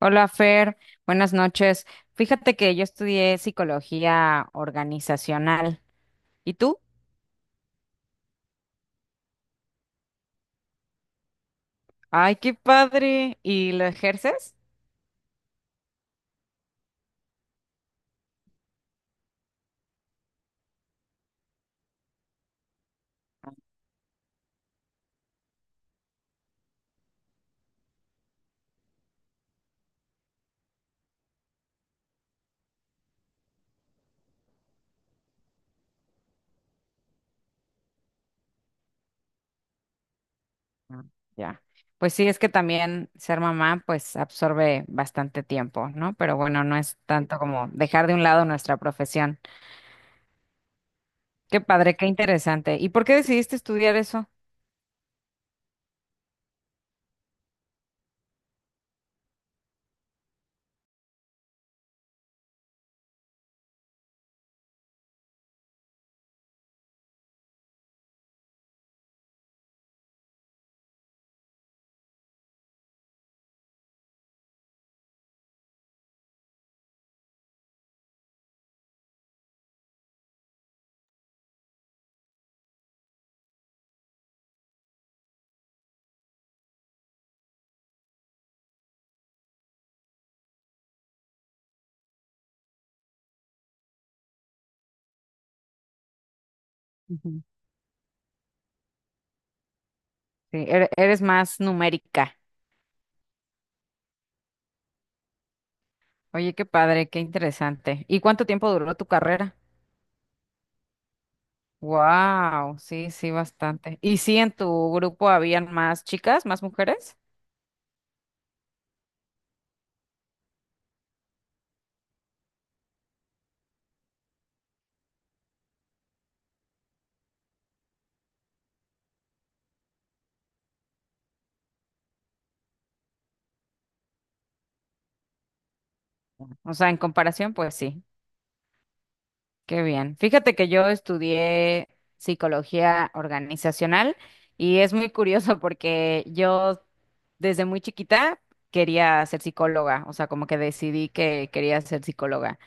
Hola Fer, buenas noches. Fíjate que yo estudié psicología organizacional. ¿Y tú? Ay, qué padre. ¿Y lo ejerces? Ah, ya. Pues sí, es que también ser mamá pues absorbe bastante tiempo, ¿no? Pero bueno, no es tanto como dejar de un lado nuestra profesión. Qué padre, qué interesante. ¿Y por qué decidiste estudiar eso? Ujú. Sí, eres más numérica. Oye, qué padre, qué interesante. ¿Y cuánto tiempo duró tu carrera? Wow, sí, sí, bastante. ¿Y sí en tu grupo habían más chicas, más mujeres? O sea, en comparación, pues sí, qué bien. Fíjate que yo estudié psicología organizacional y es muy curioso porque yo desde muy chiquita quería ser psicóloga, o sea, como que decidí que quería ser psicóloga.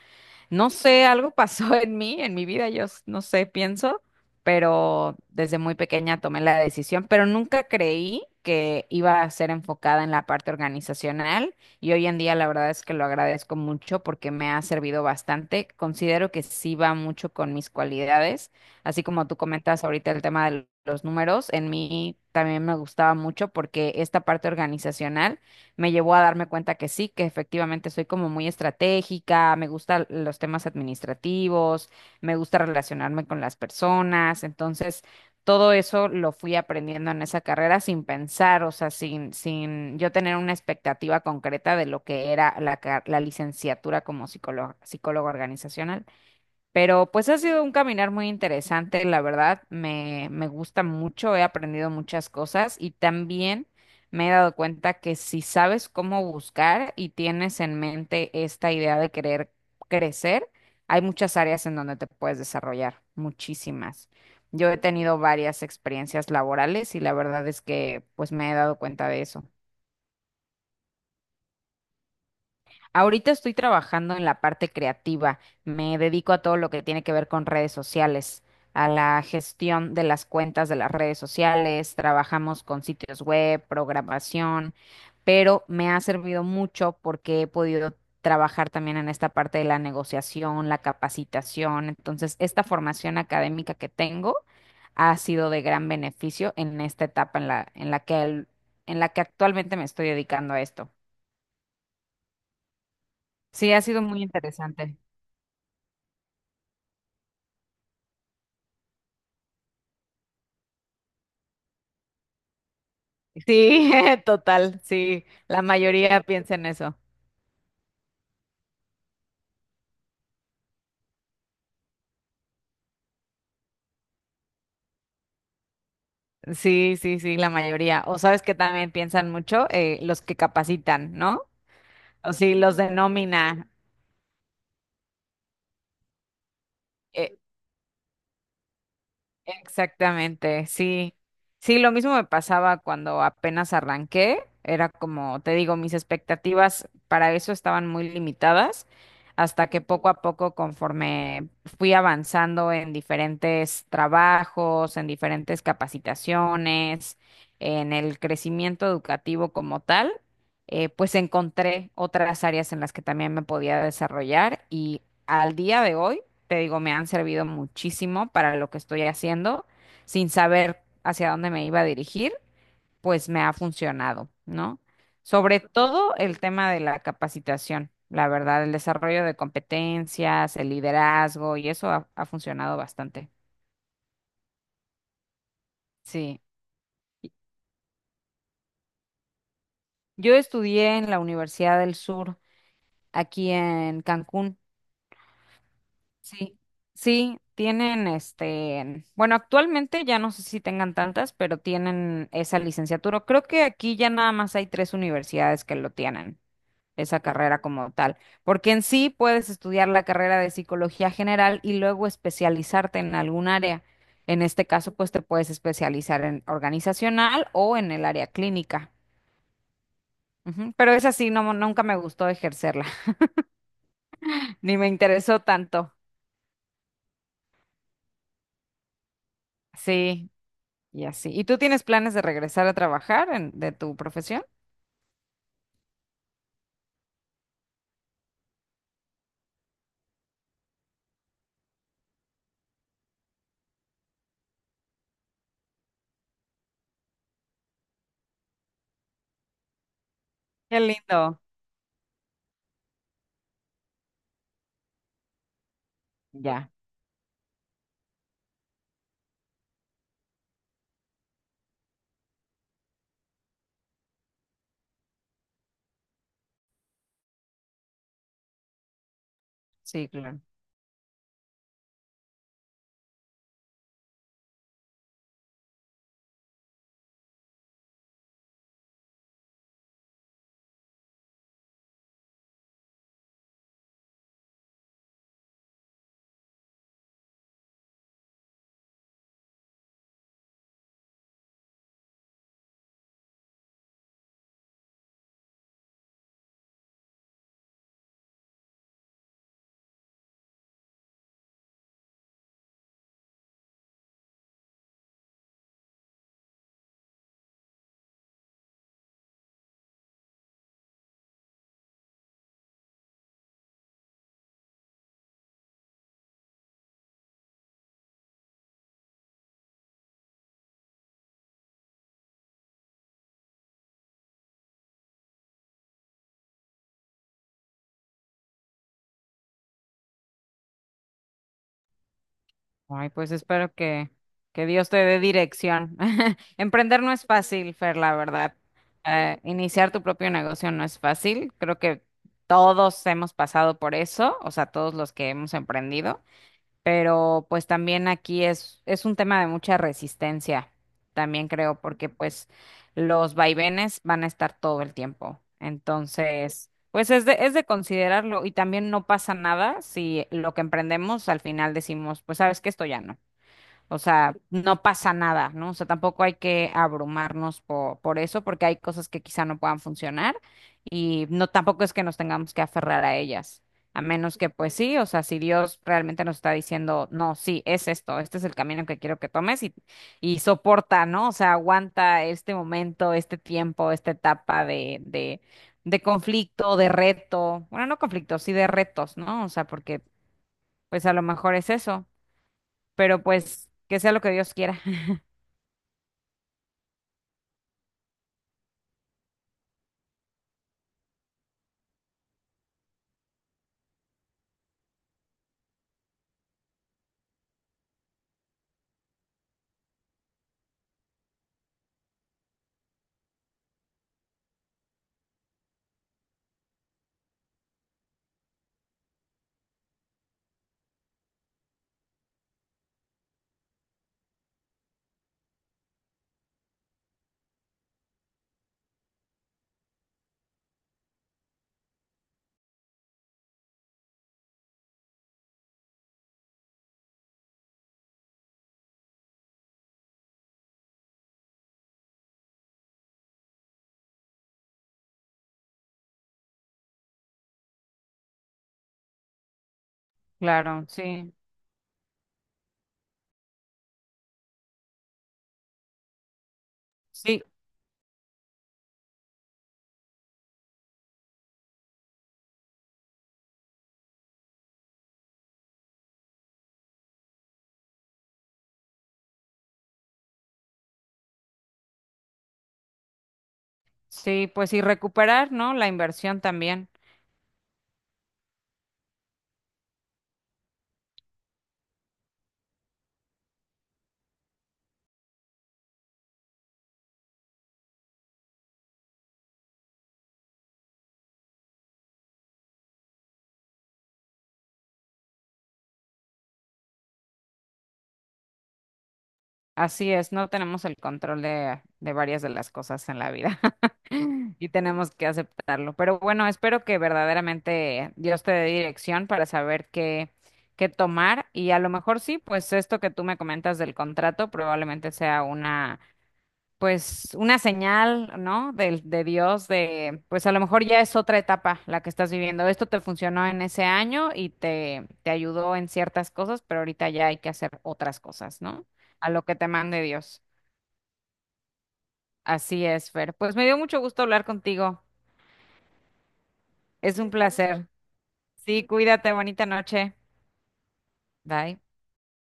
No sé, algo pasó en mí, en mi vida, no sé, pienso, pero desde muy pequeña tomé la decisión, pero nunca creí que iba a ser enfocada en la parte organizacional y hoy en día la verdad es que lo agradezco mucho porque me ha servido bastante. Considero que sí va mucho con mis cualidades, así como tú comentas ahorita el tema de los números, en mí también me gustaba mucho porque esta parte organizacional me llevó a darme cuenta que sí, que efectivamente soy como muy estratégica, me gustan los temas administrativos, me gusta relacionarme con las personas, entonces todo eso lo fui aprendiendo en esa carrera sin pensar, o sea, sin yo tener una expectativa concreta de lo que era la licenciatura como psicólogo, psicólogo organizacional. Pero pues ha sido un caminar muy interesante, la verdad, me gusta mucho, he aprendido muchas cosas y también me he dado cuenta que si sabes cómo buscar y tienes en mente esta idea de querer crecer, hay muchas áreas en donde te puedes desarrollar, muchísimas. Yo he tenido varias experiencias laborales y la verdad es que pues me he dado cuenta de eso. Ahorita estoy trabajando en la parte creativa. Me dedico a todo lo que tiene que ver con redes sociales, a la gestión de las cuentas de las redes sociales. Trabajamos con sitios web, programación, pero me ha servido mucho porque he podido trabajar también en esta parte de la negociación, la capacitación. Entonces, esta formación académica que tengo ha sido de gran beneficio en esta etapa en la que actualmente me estoy dedicando a esto. Sí, ha sido muy interesante. Sí, total, sí, la mayoría piensa en eso. Sí, sí, sí, la mayoría. O sabes que también piensan mucho los que capacitan, ¿no? O sí, los denomina. Exactamente, sí. Sí, lo mismo me pasaba cuando apenas arranqué. Era como, te digo, mis expectativas para eso estaban muy limitadas, hasta que poco a poco, conforme fui avanzando en diferentes trabajos, en diferentes capacitaciones, en el crecimiento educativo como tal, pues encontré otras áreas en las que también me podía desarrollar y al día de hoy te digo, me han servido muchísimo para lo que estoy haciendo, sin saber hacia dónde me iba a dirigir, pues me ha funcionado, ¿no? Sobre todo el tema de la capacitación, la verdad, el desarrollo de competencias, el liderazgo, y eso ha funcionado bastante. Sí. Yo estudié en la Universidad del Sur, aquí en Cancún. Sí, sí, tienen este, bueno, actualmente ya no sé si tengan tantas, pero tienen esa licenciatura. Creo que aquí ya nada más hay tres universidades que lo tienen, esa carrera como tal, porque en sí puedes estudiar la carrera de psicología general y luego especializarte en algún área. En este caso, pues te puedes especializar en organizacional o en el área clínica. Ujú, pero esa sí, no, nunca me gustó ejercerla, ni me interesó tanto. Sí. Y así. ¿Y tú tienes planes de regresar a trabajar en, de tu profesión? Qué lindo. Ya, sí, claro. Ay, pues espero que Dios te dé dirección. Emprender no es fácil, Fer, la verdad. Iniciar tu propio negocio no es fácil. Creo que todos hemos pasado por eso, o sea, todos los que hemos emprendido. Pero pues también aquí es un tema de mucha resistencia, también creo, porque pues los vaivenes van a estar todo el tiempo. Entonces, pues es de considerarlo y también no pasa nada si lo que emprendemos al final decimos, pues sabes que esto ya no. O sea, no pasa nada, ¿no? O sea, tampoco hay que abrumarnos por eso, porque hay cosas que quizá no puedan funcionar y no tampoco es que nos tengamos que aferrar a ellas, a menos que pues sí, o sea, si Dios realmente nos está diciendo, no, sí, es esto, este es el camino que quiero que tomes y soporta, ¿no? O sea, aguanta este momento, este tiempo, esta etapa de conflicto, de reto, bueno, no conflicto, sí de retos, ¿no? O sea, porque pues a lo mejor es eso, pero pues que sea lo que Dios quiera. Claro, sí, sí, sí, pues y recuperar, ¿no? La inversión también. Así es, no tenemos el control de varias de las cosas en la vida y tenemos que aceptarlo. Pero bueno, espero que verdaderamente Dios te dé dirección para saber qué, qué tomar y a lo mejor sí, pues esto que tú me comentas del contrato probablemente sea una pues una señal, ¿no? Del De Dios, de, pues a lo mejor ya es otra etapa la que estás viviendo. Esto te funcionó en ese año y te ayudó en ciertas cosas, pero ahorita ya hay que hacer otras cosas, ¿no? A lo que te mande Dios. Así es, Fer. Pues me dio mucho gusto hablar contigo. Es un placer. Sí, cuídate, bonita noche. Bye.